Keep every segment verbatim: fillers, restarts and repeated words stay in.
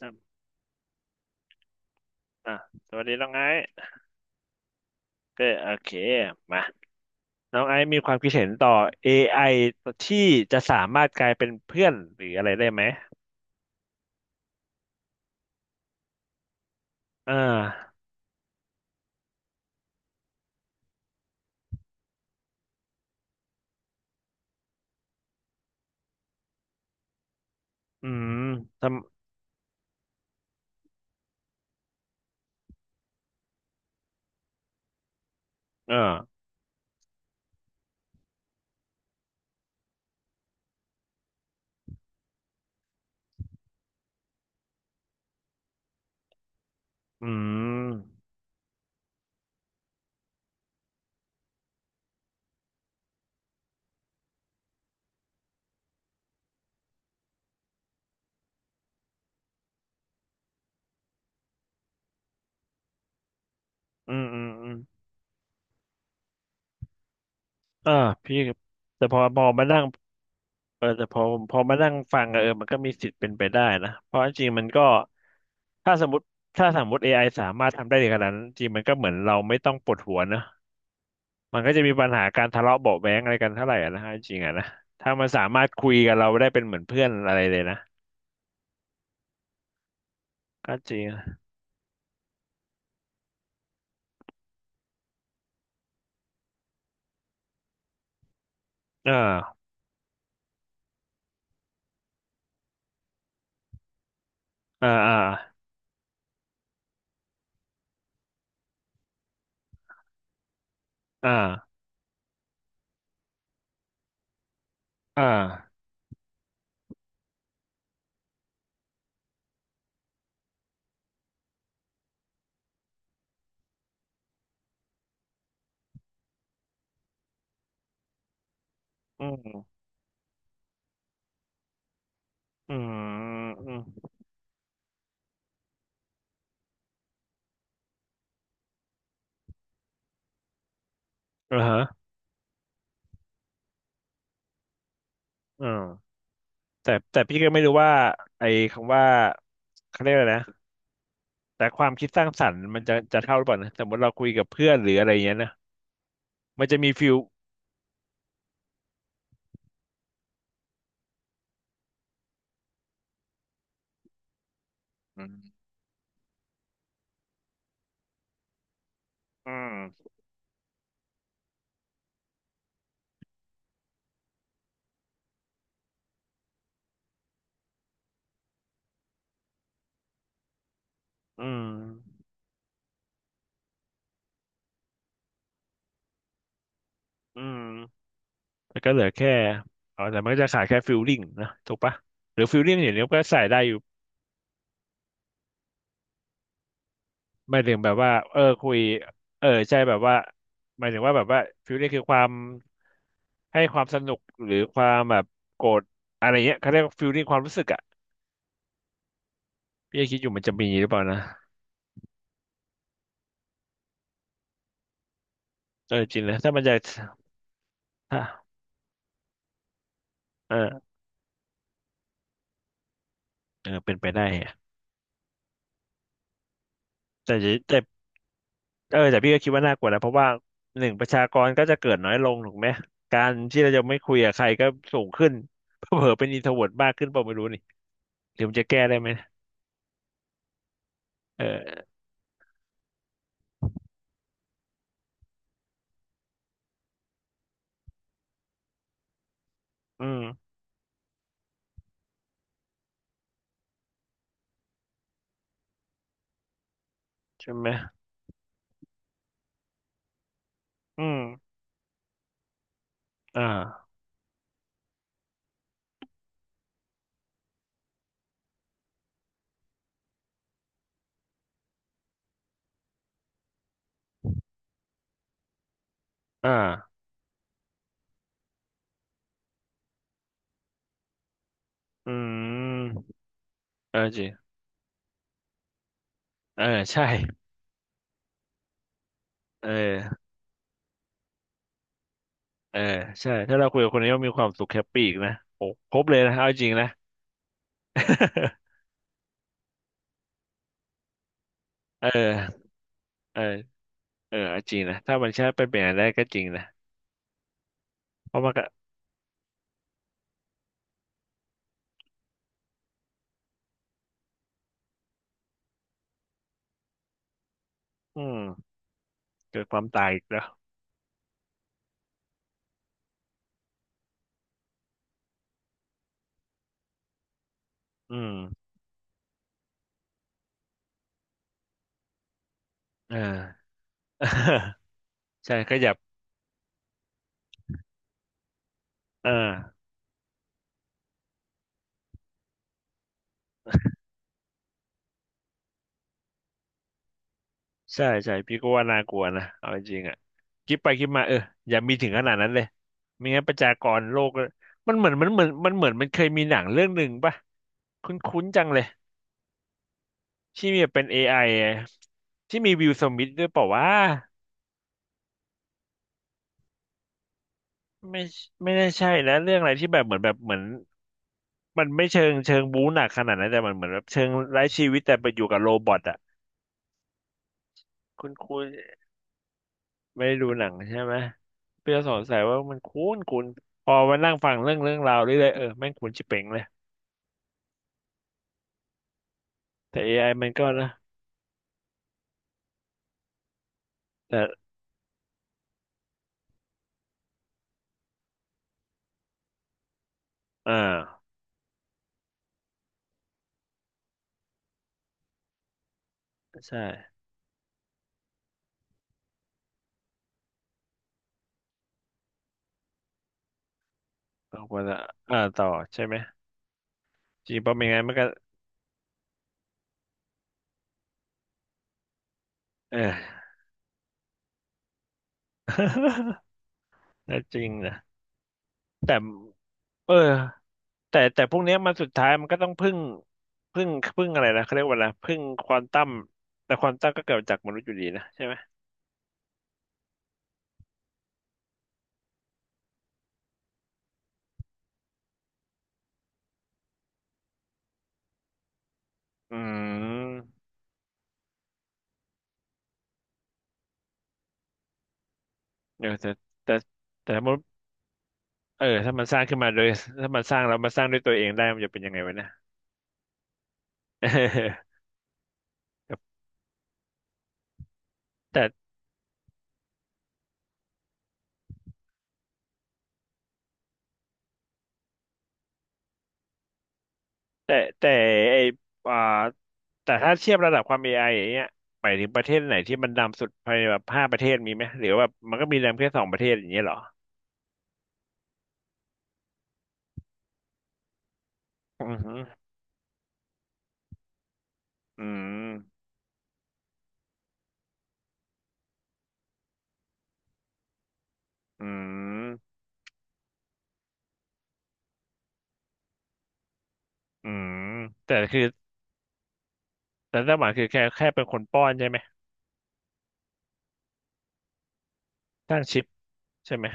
อ่ะอ่ะสวัสดีน้องไอซ์เก็โอเคมาน้องไอซ์มีความคิดเห็นต่อ เอ ไอ ที่จะสามารถกลายเป็นเพื่อนหรืออะไรได้ไหมอ่าอืมทำเอออืมอืมอืมอืมอ่าพี่แต่พอพอมานั่งเออแต่พอพอมานั่งฟังอะเออมันก็มีสิทธิ์เป็นไปได้นะเพราะจริงๆมันก็ถ้าสมมติถ้าสมมติเอไอสามารถทำได้ถึงขนาดนั้นจริงๆมันก็เหมือนเราไม่ต้องปวดหัวนะ มันก็จะมีปัญหาการทะเลาะเบาะแว้งอะไรกันเท่าไหร่อะนะฮะจริงๆอะนะถ้ามันสามารถคุยกับเราได้เป็นเหมือนเพื่อนอะไรเลยนะก็จริงอะเออเอออ่าอ่าอ่าอืมอืมอืมอ่าฮะอืมแต่แต่พี่ก็ไม่รู้ว่าไอ้คำว่าเขาเรียกอะไรนะแต่ความคิดสร้างสรรค์มันจะจะเท่าหรือเปล่านะสมมติเราคุยกับเพื่อนหรืออะไรอย่างเงี้ยนะมันจะมีฟิลอืมอืมอืมอืม มันก็เหลือแค่อาแต่มันก็จะขาดแค่ฟิลลิ่งนะถูกปะหรือฟิลลิ่งอย่างเนี้ก็ใส่ได้อยู่ไม่ถึงแบบว่าเออคุยเออใช่แบบว่าหมายถึงว่าแบบว่าฟิลลิ่งคือความให้ความสนุกหรือความแบบโกรธอะไรเงี้ยเขาเรียกฟิลลิ่งความรู้สึกอ่ะพี่ก็คิดอยู่มันจะมีหรือเปล่านะเออจริงนะถ้ามันจะถ้าเออเออเป็นไปได้อะแต่จะแต่ เออแต่พี่ก็คิดว่าน่ากลัวนะเพราะว่าหนึ่งประชากรก็จะเกิดน้อยลงถูกไหมการที่เราจะไม่คุยกับใครก็สูงขึ้น เผลอๆเป็นอินโทรเวิร์ตมากขึ้นเปล่าไม่รู้นี่หรือมันจะแก้ได้ไหมเอออืมใช่ไหมอืมอ่าอ่าอืมเออจริงเออใช่เออเออใช่ถ้าเราคุยกับคนนี้ว่ามีความสุขแฮปปี้อีกนะโอ้ครบเลยนะเอาจริงนะ เออเออเออเอาจริงนะถ้ามันใช่ไปเป็นอย่างนั้นได้ก็จริงนะเพราะมันก็อืมเกิดความตายอีกแล้วอืม อ่า ใช่ขยับอ่าใช่ใช่พี่ก็ว่าน่ากลัวนะเอาจริงๆอ่ะคิดไปคิดมาเอออย่ามีถึงขนาดนั้นเลยไม่งั้นประชากรโลกก็มันเหมือนมันเหมือนมันเหมือนมันเคยมีหนังเรื่องหนึ่งป่ะคุ้นๆจังเลยที่มีเป็นเอ i ออะที่มีวิลสมิธด้วยเปล่าว่าไม่ไม่ได้ใช่นะเรื่องอะไรที่แบบเหมือนแบบเหมือนมันไม่เชิงเชิงบู๊หนักขนาดนั้นแต่มันเหมือนแบบเชิงไร้ชีวิตแต่ไปอยู่กับโรบอทอ่ะคุ้นๆไม่ได้ดูหนังใช่ไหม เปียสอนสายว่ามันคุ้นคุ้นพอมานั่งฟังเรื่องเรื่องราวเรื่อยๆเออแม่งคุ้นชิบเป่งเลยแต่ เอ ไอ มันก็นะแต่อ่าใช่บางคนอะอ่าต่อใช่ไหมจริงเพราะไม่งั้นมันก็เออ น่าจริงนะแต่เออแต่แต่พวกเนี้ยมันสุดท้ายมันก็ต้องพึ่งพึ่งพึ่งอะไรนะเขาเรียกว่าอะไรพึ่งควอนตัมแต่ควอนตัมก็เกิดจากมนุษย์อยู่ดีนะใช่ไหมอืมเออแต่แต่แต่สมมติเออถ้ามันสร้างขึ้นมาโดยถ้ามันสร้างแล้วมาสร้างด้วยตัวเองได้มันจะเป็นยังไงวะเนย เออแต่แต่แต่ไออ่าแต่ถ้าเทียบระดับความ เอ ไอ อไออย่างเงี้ยไปถึงประเทศไหนที่มันดำสุดภายในแบบห้าประเทศมีไหมหรือว่ามันก็มีดำแค่สองประเทศอย่างเงี้ยเหรออืมอืมอืมอืมแต่คือแต่ไต้าหวานคือแค่แค่เป็นคนป้อนใช่ไหมสร้างชิปใช่ไหม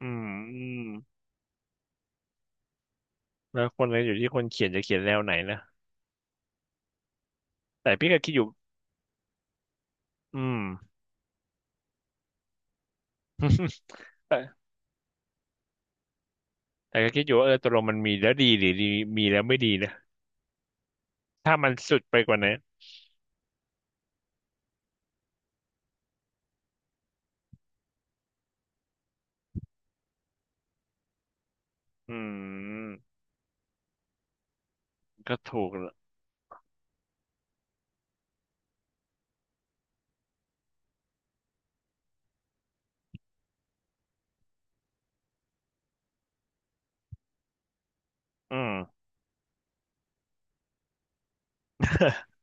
อืมอืมแล้วคนก็อยู่ที่คนเขียนจะเขียนแนวไหนนะแต่พี่ก็คิดอยู่อืม แต่แต่ก็คิดอยู่ว่าเออตกลงมันมีแล้วดีหรือดีมีแล้วไม่ดีนะถ้ามันสุดไปกว่าไหน อืมก็ถูกละอืม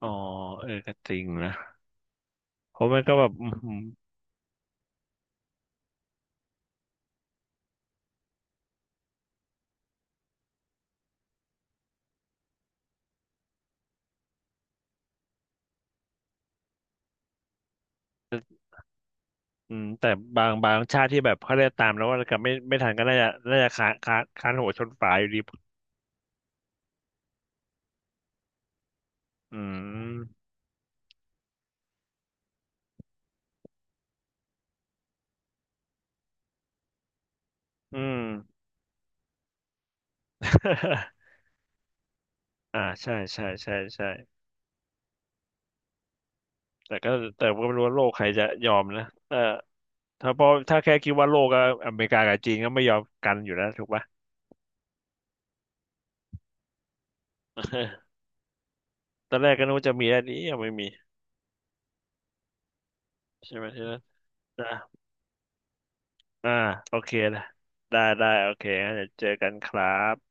อ๋อเออก็จริงนะเพราะมันก็แบบอืมอืมแต่บางบางชาติที่แบบเขาได้ตามแล้วว่ากับไม่ไม่ทันก็น่าจะน่าจะค้านค้านค้านหัวชนฝาอยู่ดีอืมอืม อ่าใช่ใช่ใช่ใช่แต่ก็แต่ก็ไม่รู้ว่าโลกใครจะยอมนะเออถ้าพอถ้าแค่คิดว่าโลกก็อเมริกากับจีนก็ไม่ยอมกันอยู่แล้วถูกปะ ตอนแรกก็นึกว่าจะมีอันนี้ยังไม่มีใช่ไหมใช่ไหม อ่าโอเคนะได้ได้โอเคงั้นเดี๋ยวเจอกันครับ